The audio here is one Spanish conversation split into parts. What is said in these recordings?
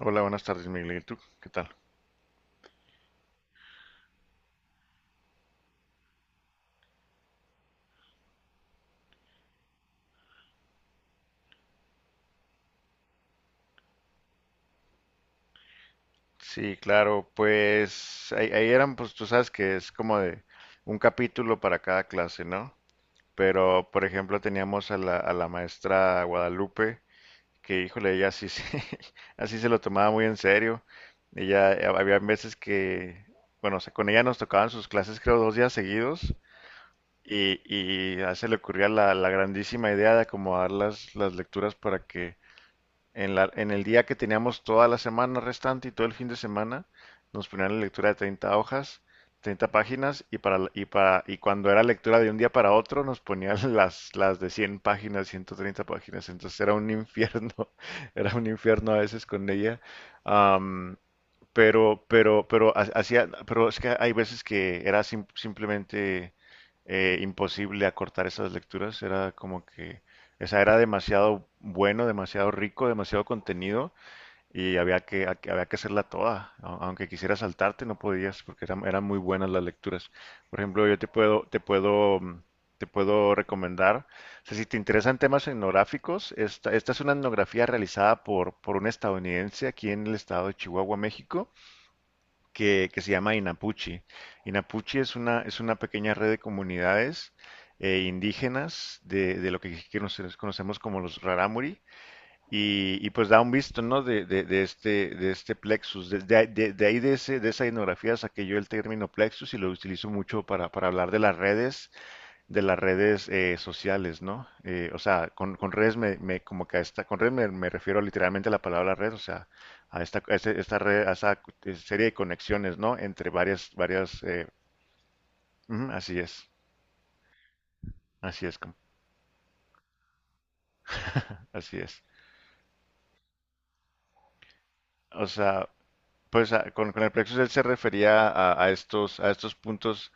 Hola, buenas tardes, Miguel. ¿Y tú? ¿Qué tal? Sí, claro, pues ahí eran, pues tú sabes que es como de un capítulo para cada clase, ¿no? Pero, por ejemplo, teníamos a la maestra Guadalupe, que, híjole, ella sí se, así se lo tomaba muy en serio. Ella, había veces que, bueno, o sea, con ella nos tocaban sus clases, creo, dos días seguidos, y a ella se le ocurría la grandísima idea de acomodar las lecturas para que en, la, en el día que teníamos toda la semana restante y todo el fin de semana, nos ponían la lectura de 30 hojas, 30 páginas, y cuando era lectura de un día para otro, nos ponían las de 100 páginas, 130 páginas. Entonces era un infierno, era un infierno a veces con ella. Am, pero es que hay veces que era simplemente imposible acortar esas lecturas. Era como que, o sea, era demasiado bueno, demasiado rico, demasiado contenido y había había que hacerla toda. Aunque quisieras saltarte, no podías porque eran muy buenas las lecturas. Por ejemplo, yo te puedo te puedo recomendar. O sea, si te interesan temas etnográficos, esta es una etnografía realizada por un estadounidense aquí en el estado de Chihuahua, México que se llama Inapuchi. Inapuchi es es una pequeña red de comunidades indígenas de lo que nosotros conocemos como los Raramuri y pues da un visto, ¿no? De de este plexus. De ahí de esa etnografía saqué yo el término plexus y lo utilizo mucho para hablar de las redes sociales, ¿no? O sea, con redes como que a esta, con redes me refiero literalmente a la palabra red, o sea, a esta red, a esa serie de conexiones, ¿no? Entre varias, ujú, así es, así es, com- así es. O sea, pues con el plexo social se refería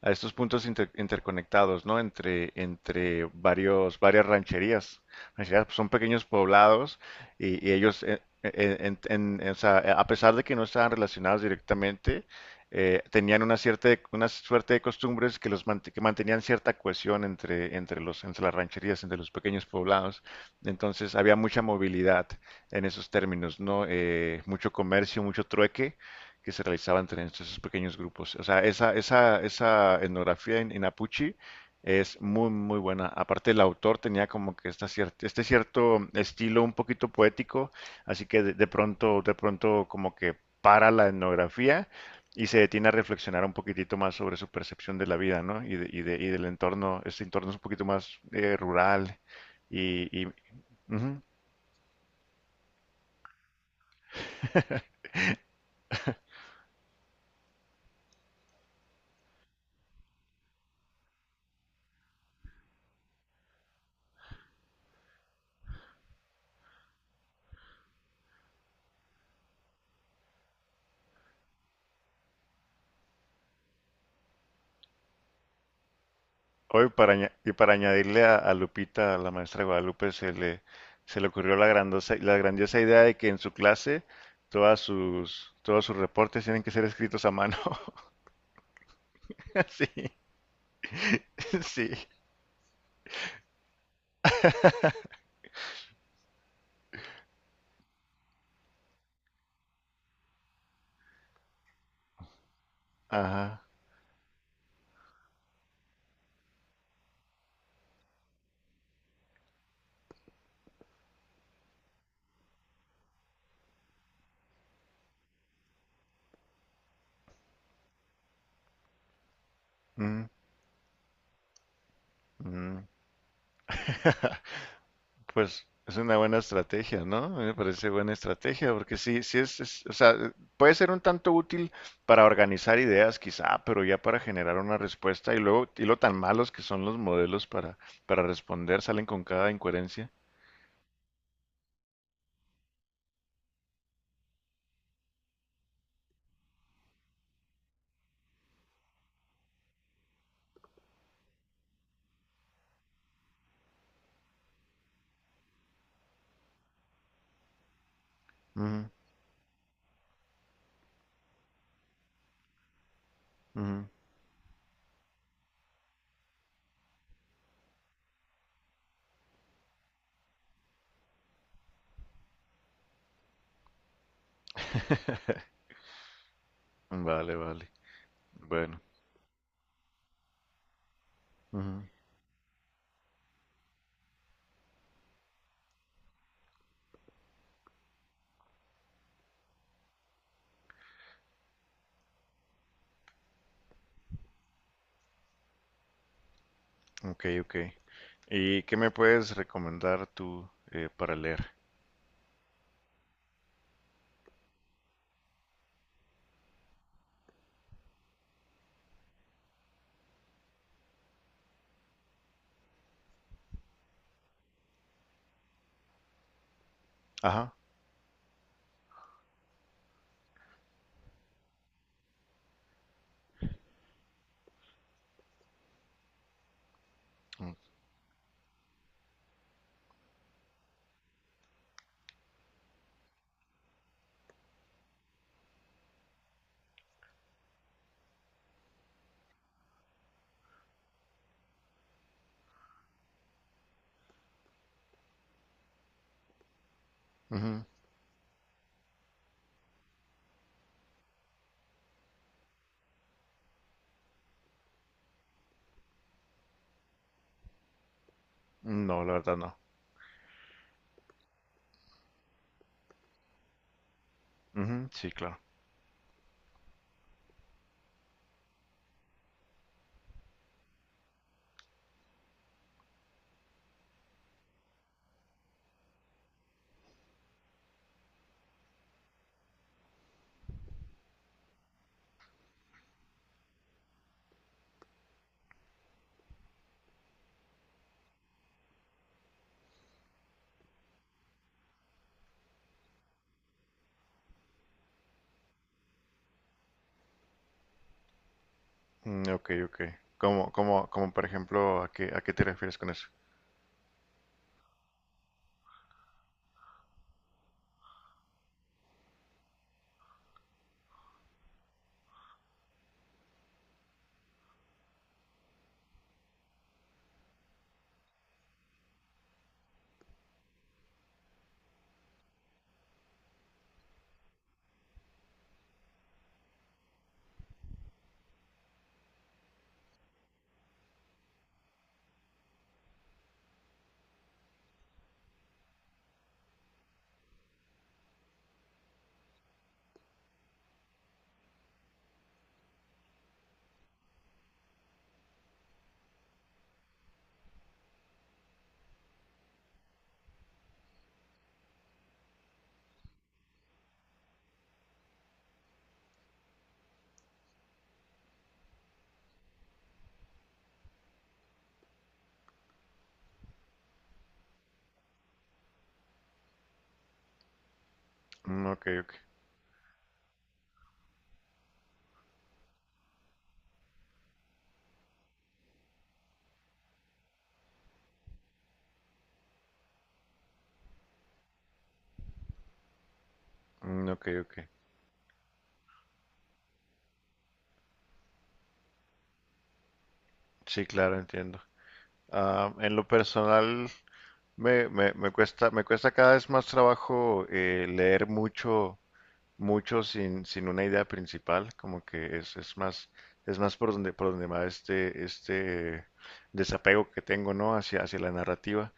a estos puntos interconectados, ¿no? Entre, entre varios, varias rancherías. Rancherías pues, son pequeños poblados y ellos, o sea, a pesar de que no estaban relacionados directamente, tenían una cierta, una suerte de costumbres que que mantenían cierta cohesión entre, entre los, entre las rancherías, entre los pequeños poblados. Entonces había mucha movilidad en esos términos, ¿no? Mucho comercio, mucho trueque que se realizaba entre esos pequeños grupos. O sea, esa etnografía en Apuche es muy, muy buena. Aparte, el autor tenía como que esta este cierto estilo un poquito poético, así que de pronto como que para la etnografía y se detiene a reflexionar un poquitito más sobre su percepción de la vida, ¿no? Y del entorno, este entorno es un poquito más rural y ujú. Hoy para añadirle a Lupita, a la maestra Guadalupe, se le ocurrió la grandiosa idea de que en su clase todos sus reportes tienen que ser escritos a mano. Sí, sí. Ajá. Mm, mm. Pues es una buena estrategia, ¿no? A mí me parece buena estrategia, porque sí, sí o sea, puede ser un tanto útil para organizar ideas, quizá, pero ya para generar una respuesta y luego, y lo tan malos que son los modelos para responder, salen con cada incoherencia. Ujú, ujú. Vale, vale. Bueno. Ujú. Ok, ok. ¿Y qué me puedes recomendar tú para leer? Ajá. Mm, ujú. No, la verdad no. Ujú, sí, claro. Mm, ok, ok. Como, como, como por ejemplo, a qué te refieres con eso? Mm, ok, ok. Mm, ok, ok. Sí, claro, entiendo. Ah, en lo personal, me cuesta cada vez más trabajo leer mucho, mucho sin, sin una idea principal. Como que es más por donde va este desapego que tengo, ¿no? Hacia, hacia la narrativa.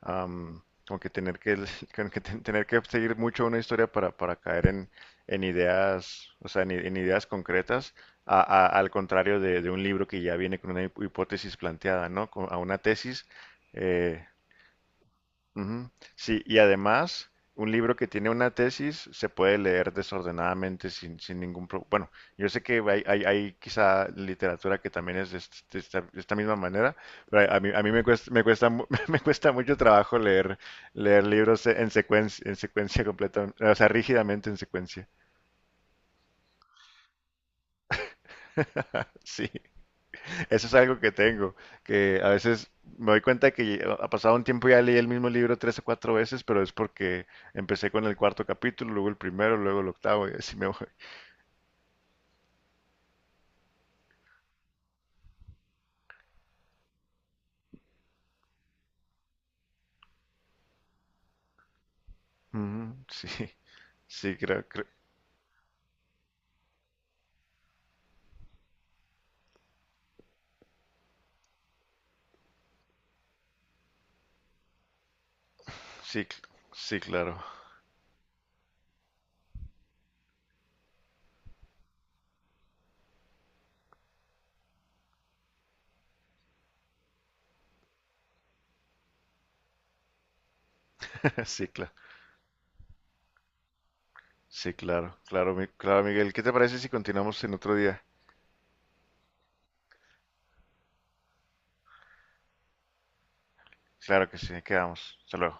Como que tener que, como que tener que seguir mucho una historia para caer en ideas, o sea, en, en ideas concretas, al contrario de un libro que ya viene con una hipótesis planteada, ¿no? A una tesis, eh, ujú. Sí, y además, un libro que tiene una tesis se puede leer desordenadamente sin, sin ningún problema. Bueno, yo sé que hay quizá literatura que también es de esta misma manera, pero a mí me cuesta, me cuesta mucho trabajo leer, leer libros en secuencia completa, o sea, rígidamente en secuencia. Sí. Eso es algo que tengo, que a veces me doy cuenta que ha pasado un tiempo y ya leí el mismo libro 3 o 4 veces, pero es porque empecé con el cuarto capítulo, luego el primero, luego el octavo y así me voy. Ujú, sí, sí, sí, sí, claro, sí, claro, sí, claro, claro, claro, Miguel. ¿Qué te parece si continuamos en otro día? Claro que sí, quedamos. Hasta luego.